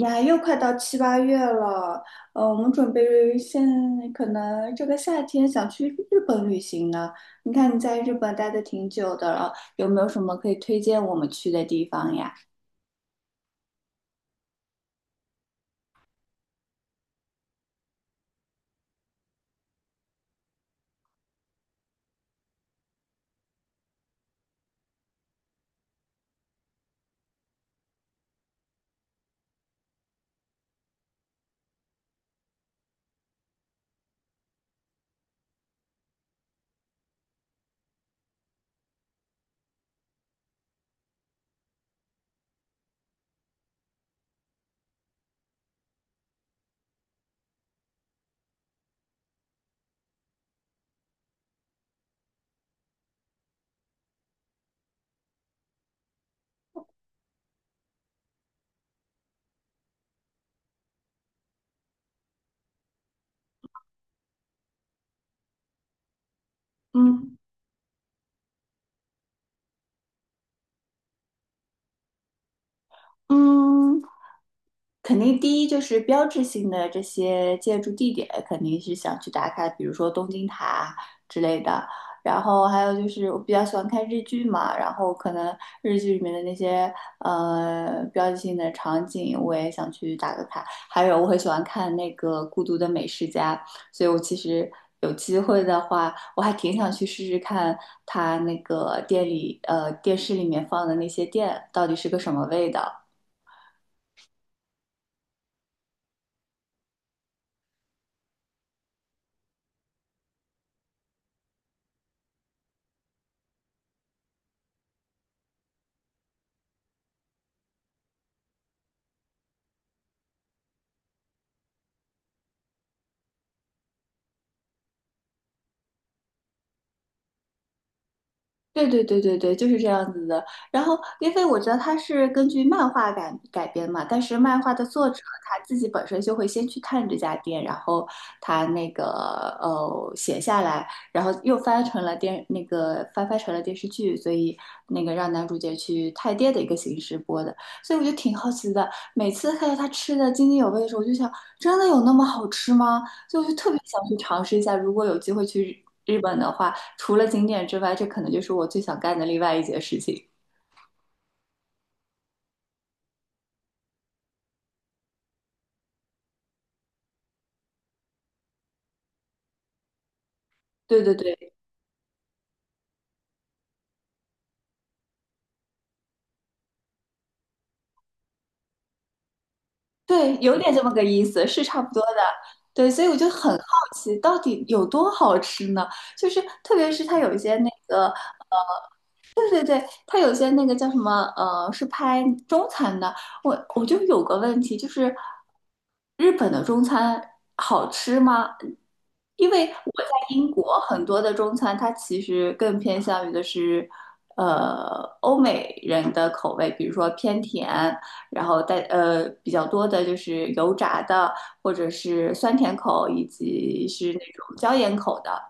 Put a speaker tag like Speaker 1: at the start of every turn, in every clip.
Speaker 1: 呀，又快到七八月了，我们准备现可能这个夏天想去日本旅行呢。你看你在日本待的挺久的了，有没有什么可以推荐我们去的地方呀？嗯嗯，肯定第一就是标志性的这些建筑地点，肯定是想去打卡，比如说东京塔之类的。然后还有就是我比较喜欢看日剧嘛，然后可能日剧里面的那些标志性的场景，我也想去打个卡。还有我很喜欢看那个《孤独的美食家》，所以我其实有机会的话，我还挺想去试试看他那个店里电视里面放的那些店到底是个什么味道。对对对对对，就是这样子的。然后，因为我觉得它是根据漫画改编嘛，但是漫画的作者他自己本身就会先去看这家店，然后他那个写下来，然后又翻拍成了电视剧，所以那个让男主角去探店的一个形式播的。所以我就挺好奇的，每次看到他吃的津津有味的时候，我就想，真的有那么好吃吗？所以我就特别想去尝试一下，如果有机会去日本的话。除了景点之外，这可能就是我最想干的另外一件事情。对对对对，有点这么个意思，是差不多的。对，所以我就很好奇，到底有多好吃呢？就是特别是它有一些那个对对，他有些那个叫什么，是拍中餐的。我就有个问题，就是日本的中餐好吃吗？因为我在英国，很多的中餐它其实更偏向于的是，欧美人的口味，比如说偏甜，然后带比较多的就是油炸的，或者是酸甜口，以及是那种椒盐口的。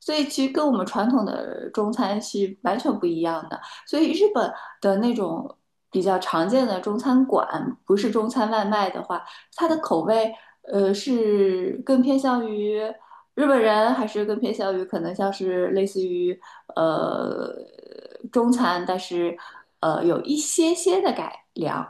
Speaker 1: 所以其实跟我们传统的中餐是完全不一样的。所以日本的那种比较常见的中餐馆，不是中餐外卖的话，它的口味是更偏向于日本人，还是更偏向于可能像是类似于呃中餐，但是有一些些的改良。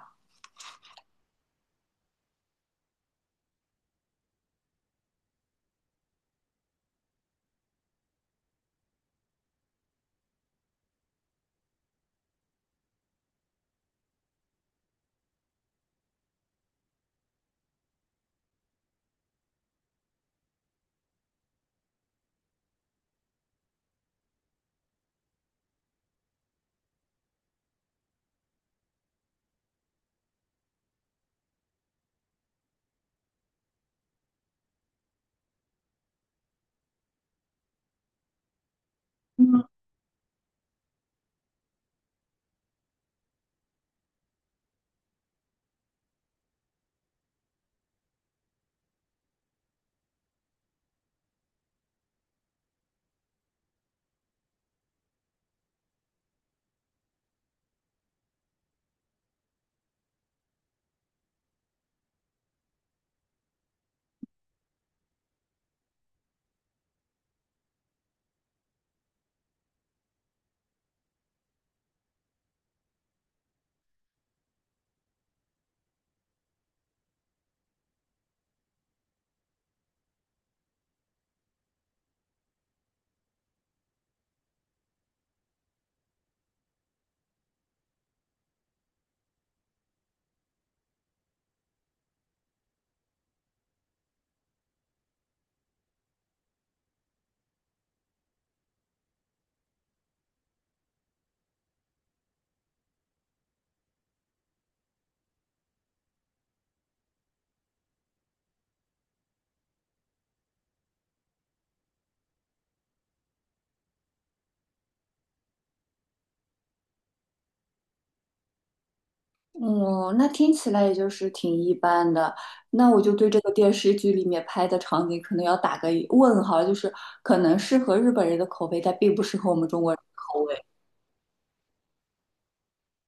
Speaker 1: 嗯，那听起来也就是挺一般的。那我就对这个电视剧里面拍的场景可能要打个问号，就是可能适合日本人的口味，但并不适合我们中国人的口味。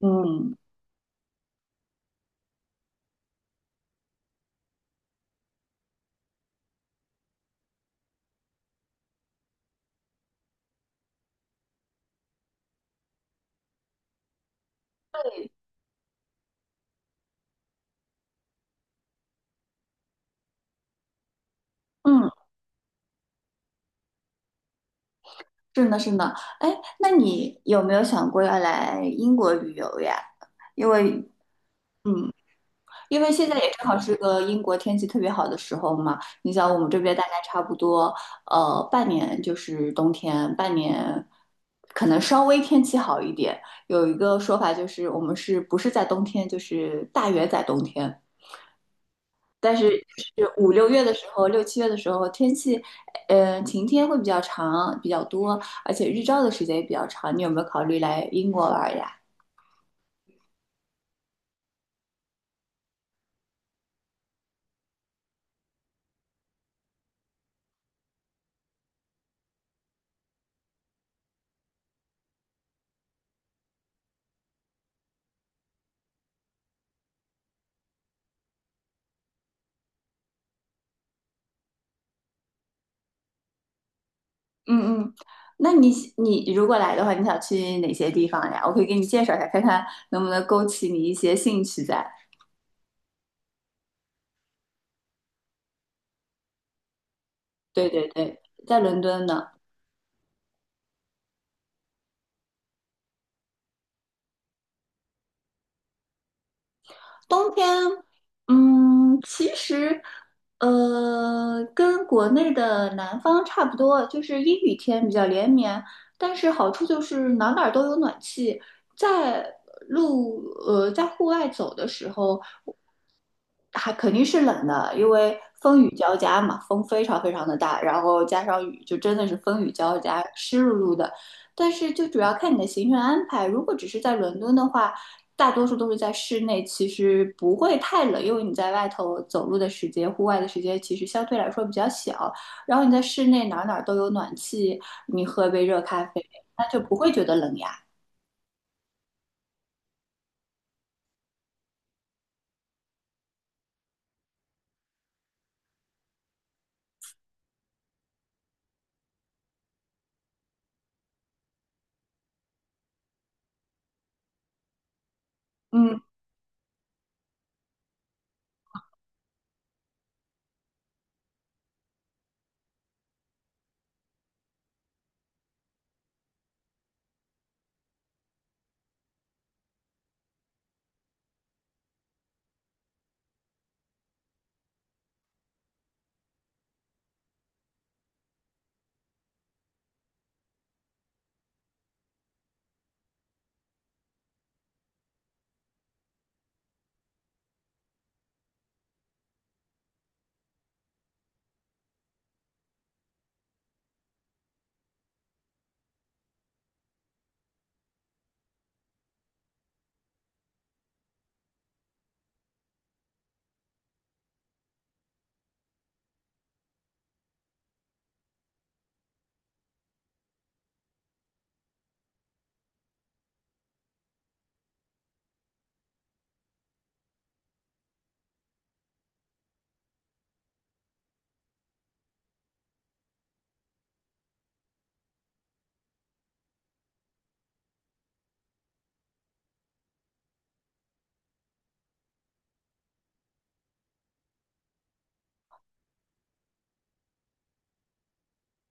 Speaker 1: 嗯嗯，是呢是呢，哎，那你有没有想过要来英国旅游呀？因为嗯，因为现在也正好是个英国天气特别好的时候嘛。你想我们这边大概差不多，半年就是冬天，半年可能稍微天气好一点。有一个说法就是，我们是不是在冬天，就是大约在冬天。但是就是五六月的时候，六七月的时候，天气，晴天会比较长，比较多，而且日照的时间也比较长。你有没有考虑来英国玩呀？嗯嗯，那你如果来的话，你想去哪些地方呀？我可以给你介绍一下，看看能不能勾起你一些兴趣在。对对对，在伦敦呢。冬天，嗯，其实，跟国内的南方差不多，就是阴雨天比较连绵，但是好处就是哪哪儿都有暖气，在路，在户外走的时候，还肯定是冷的，因为风雨交加嘛，风非常非常的大，然后加上雨，就真的是风雨交加，湿漉漉的。但是就主要看你的行程安排，如果只是在伦敦的话，大多数都是在室内，其实不会太冷，因为你在外头走路的时间、户外的时间其实相对来说比较小。然后你在室内哪儿哪儿都有暖气，你喝杯热咖啡，那就不会觉得冷呀。嗯，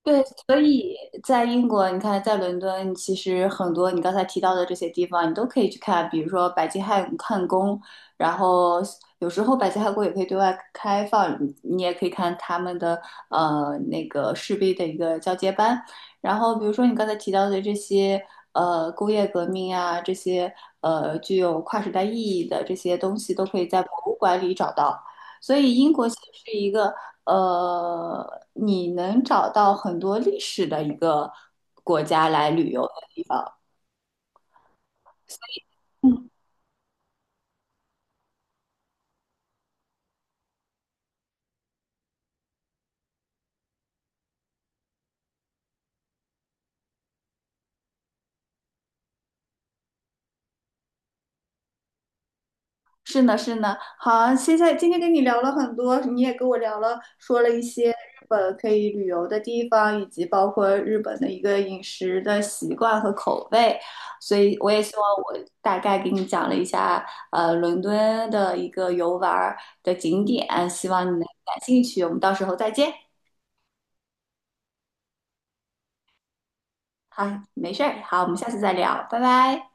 Speaker 1: 对，所以在英国，你看，在伦敦，其实很多你刚才提到的这些地方，你都可以去看，比如说白金汉宫，然后有时候白金汉宫也可以对外开放，你也可以看他们的那个士兵的一个交接班，然后比如说你刚才提到的这些工业革命啊，这些具有跨时代意义的这些东西，都可以在博物馆里找到，所以英国其实是一个。呃，你能找到很多历史的一个国家来旅游的地方。嗯，是呢，是呢。好，现在今天跟你聊了很多，你也跟我聊了，说了一些日本可以旅游的地方，以及包括日本的一个饮食的习惯和口味。所以我也希望我大概给你讲了一下，伦敦的一个游玩儿的景点，希望你能感兴趣。我们到时候再见。好，没事儿。好，我们下次再聊，拜拜。